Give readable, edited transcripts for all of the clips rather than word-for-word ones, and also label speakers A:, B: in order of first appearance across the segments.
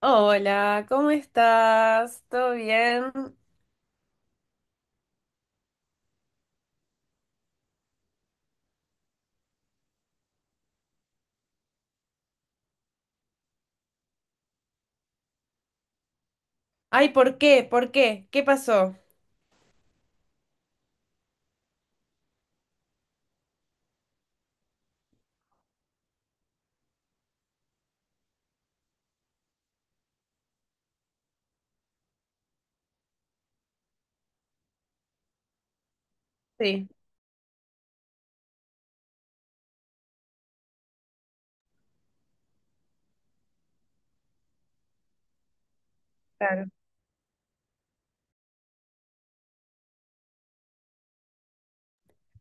A: Hola, ¿cómo estás? ¿Todo bien? Ay, ¿por qué? ¿Por qué? ¿Qué pasó? Sí, claro.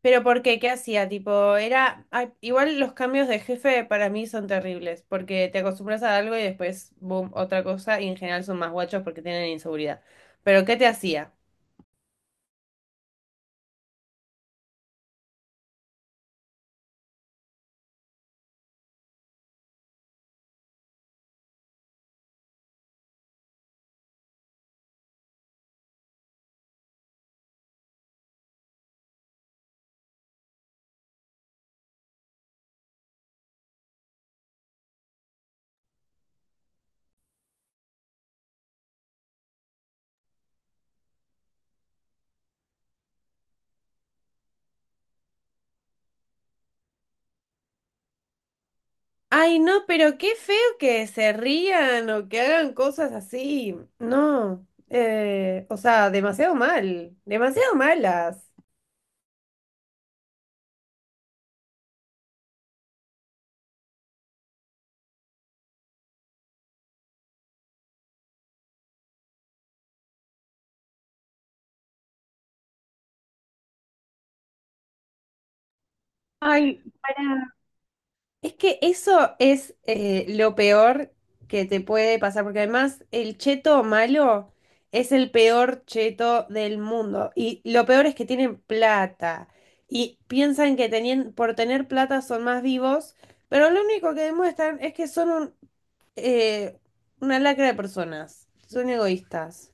A: Pero ¿por qué? ¿Qué hacía? Tipo, era... ay, igual los cambios de jefe para mí son terribles, porque te acostumbras a algo y después, boom, otra cosa, y en general son más guachos porque tienen inseguridad. Pero ¿qué te hacía? Ay, no, pero qué feo que se rían o que hagan cosas así. No, o sea, demasiado mal, demasiado malas. Ay, para. Es que eso es lo peor que te puede pasar, porque además el cheto malo es el peor cheto del mundo. Y lo peor es que tienen plata y piensan que por tener plata son más vivos, pero lo único que demuestran es que son un eh, una lacra de personas, son egoístas.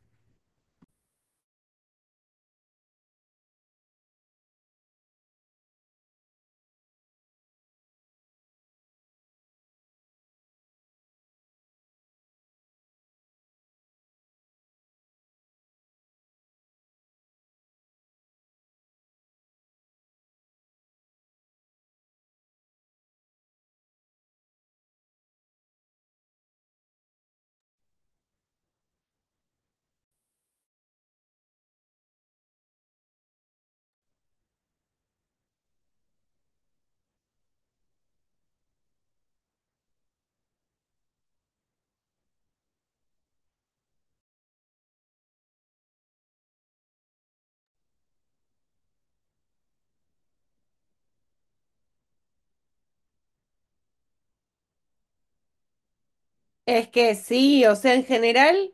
A: Es que sí, o sea, en general,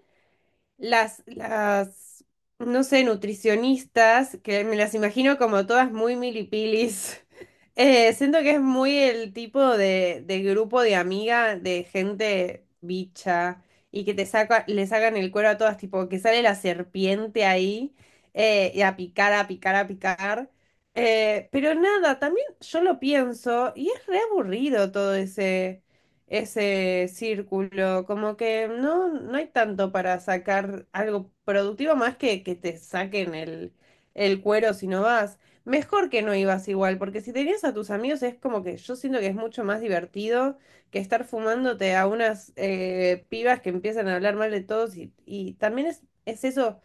A: las, las, no sé, nutricionistas, que me las imagino como todas muy milipilis. Siento que es muy el tipo de grupo de amiga, de gente bicha, y que te saca, le sacan el cuero a todas, tipo que sale la serpiente ahí, y a picar, a picar, a picar. Pero nada, también yo lo pienso, y es re aburrido todo ese círculo, como que no, no hay tanto para sacar algo productivo más que te saquen el cuero si no vas. Mejor que no ibas igual, porque si tenías a tus amigos es como que yo siento que es mucho más divertido que estar fumándote a unas pibas que empiezan a hablar mal de todos y también es eso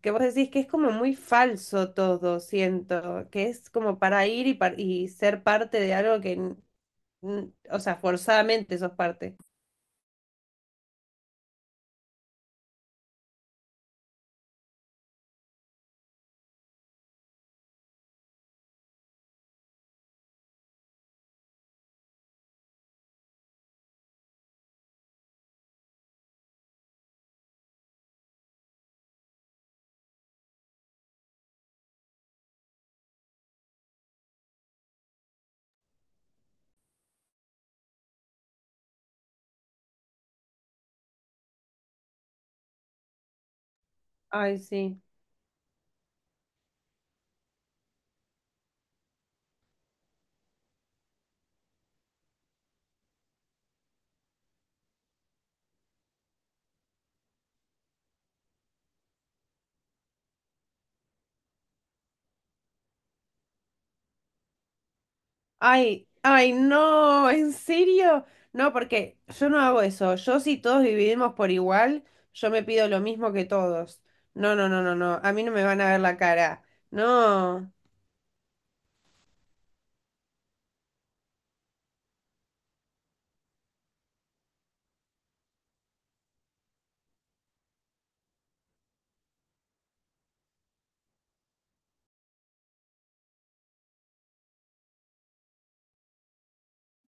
A: que vos decís que es como muy falso todo, siento, que es como para ir y ser parte de algo o sea, forzadamente sos parte. Ay, sí. Ay, ay, no, ¿en serio? No, porque yo no hago eso. Yo si todos dividimos por igual, yo me pido lo mismo que todos. No, no, no, no, no. A mí no me van a ver la cara. No.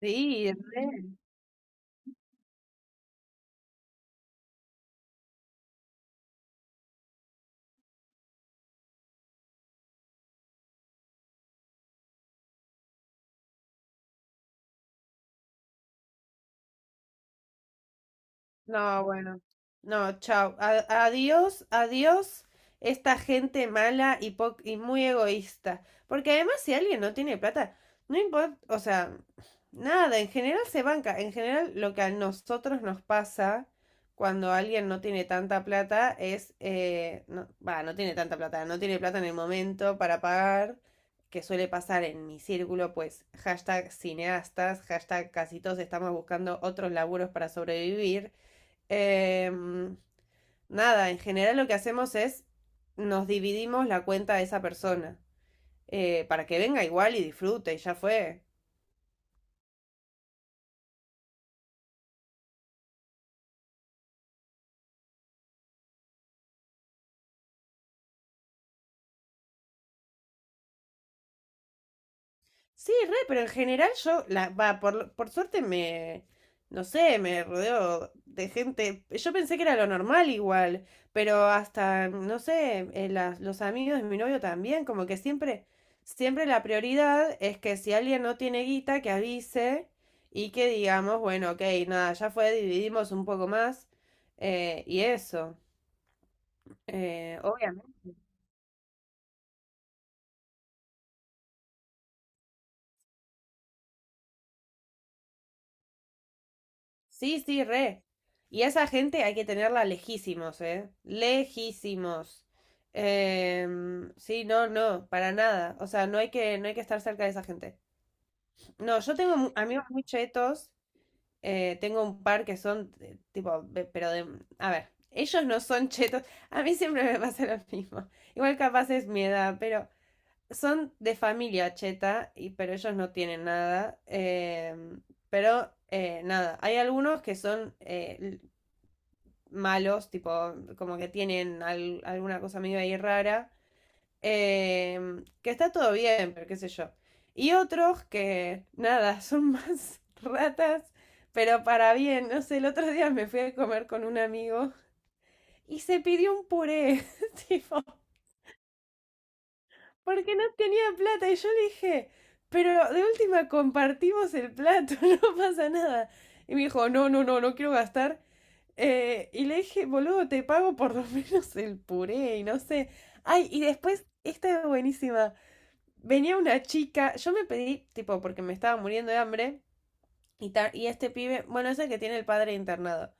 A: Sí, re. No, bueno. No, chao. Adiós, adiós esta gente mala y y muy egoísta. Porque además si alguien no tiene plata, no importa, o sea, nada, en general se banca. En general lo que a nosotros nos pasa cuando alguien no tiene tanta plata es, no, va, no tiene tanta plata, no tiene plata en el momento para pagar, que suele pasar en mi círculo, pues hashtag cineastas, hashtag casi todos estamos buscando otros laburos para sobrevivir. Em, Nada, en general lo que hacemos es nos dividimos la cuenta de esa persona para que venga igual y disfrute y ya fue. Sí, re, pero en general yo, la, va, por suerte no sé, me rodeo de gente, yo pensé que era lo normal igual, pero hasta, no sé, los amigos de mi novio también, como que siempre la prioridad es que si alguien no tiene guita, que avise y que digamos, bueno, ok, nada, ya fue, dividimos un poco más, y eso. Eh, Sí, sí, re. Y a esa gente hay que tenerla lejísimos, ¿eh? Lejísimos. Sí, no, no, para nada. O sea, no hay que, no hay que estar cerca de esa gente. No, yo tengo amigos muy chetos. Tengo un par que son tipo, de... pero de... A ver, ellos no son chetos. A mí siempre me pasa lo mismo. Igual capaz es mi edad, pero son de familia cheta, y, pero ellos no tienen nada. Pero nada, hay algunos que son malos, tipo, como que tienen alguna cosa medio ahí rara, que está todo bien, pero qué sé yo. Y otros que, nada, son más ratas, pero para bien, no sé, el otro día me fui a comer con un amigo y se pidió un puré, tipo, porque no tenía plata y yo le dije, pero de última compartimos el plato, no pasa nada. Y me dijo, no, no, no, no quiero gastar. Y le dije, boludo, te pago por lo menos el puré y no sé. Ay, y después, esta es buenísima. Venía una chica, yo me pedí, tipo, porque me estaba muriendo de hambre, y este pibe, bueno, es el que tiene el padre internado,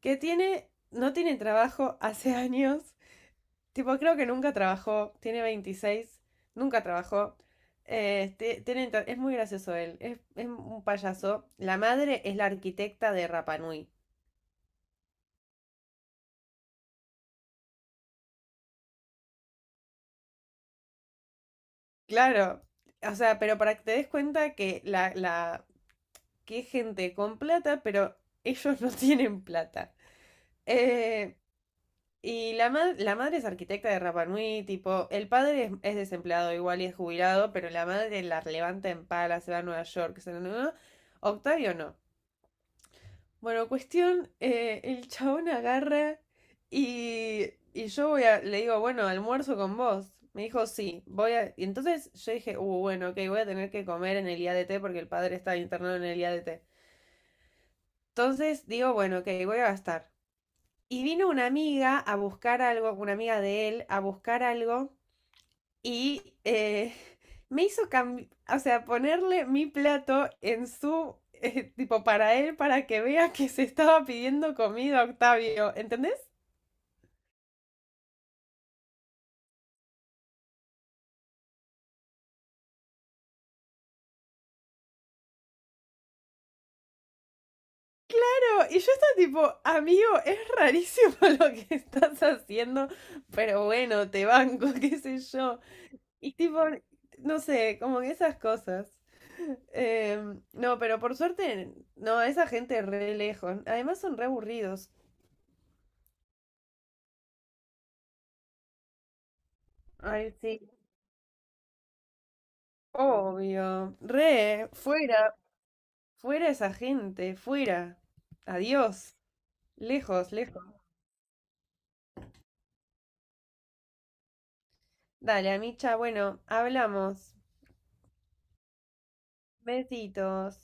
A: no tiene trabajo hace años, tipo, creo que nunca trabajó, tiene veintiséis, nunca trabajó. Es muy gracioso él, es un payaso. La madre es la arquitecta de Rapanui. Claro, o sea, pero para que te des cuenta que que es gente con plata, pero ellos no tienen plata. Eh, y la madre es arquitecta de Rapa Nui, tipo, el padre es desempleado igual y es jubilado, pero la madre la levanta en pala, se va a Nueva York, se va a Nueva- Octavio no. Bueno, cuestión, el chabón agarra y, y yo voy a, le digo, bueno, almuerzo con vos. Me dijo, sí, voy a... Y entonces yo dije, bueno, ok, voy a tener que comer en el IADT porque el padre está internado en el IADT. Entonces digo, bueno, ok, voy a gastar. Y vino una amiga a buscar algo, una amiga de él, a buscar algo y me hizo cambiar, o sea, ponerle mi plato en su, tipo, para él, para que vea que se estaba pidiendo comida, Octavio, ¿entendés? Pero, y yo estaba tipo, amigo, es rarísimo lo que estás haciendo, pero bueno, te banco, qué sé yo. Y tipo, no sé, como que esas cosas. No, pero por suerte, no, esa gente re lejos. Además son re aburridos. Ay, sí. Obvio. Re, fuera, fuera esa gente, fuera. Adiós. Lejos, lejos. Dale, Amicha, bueno, hablamos. Besitos.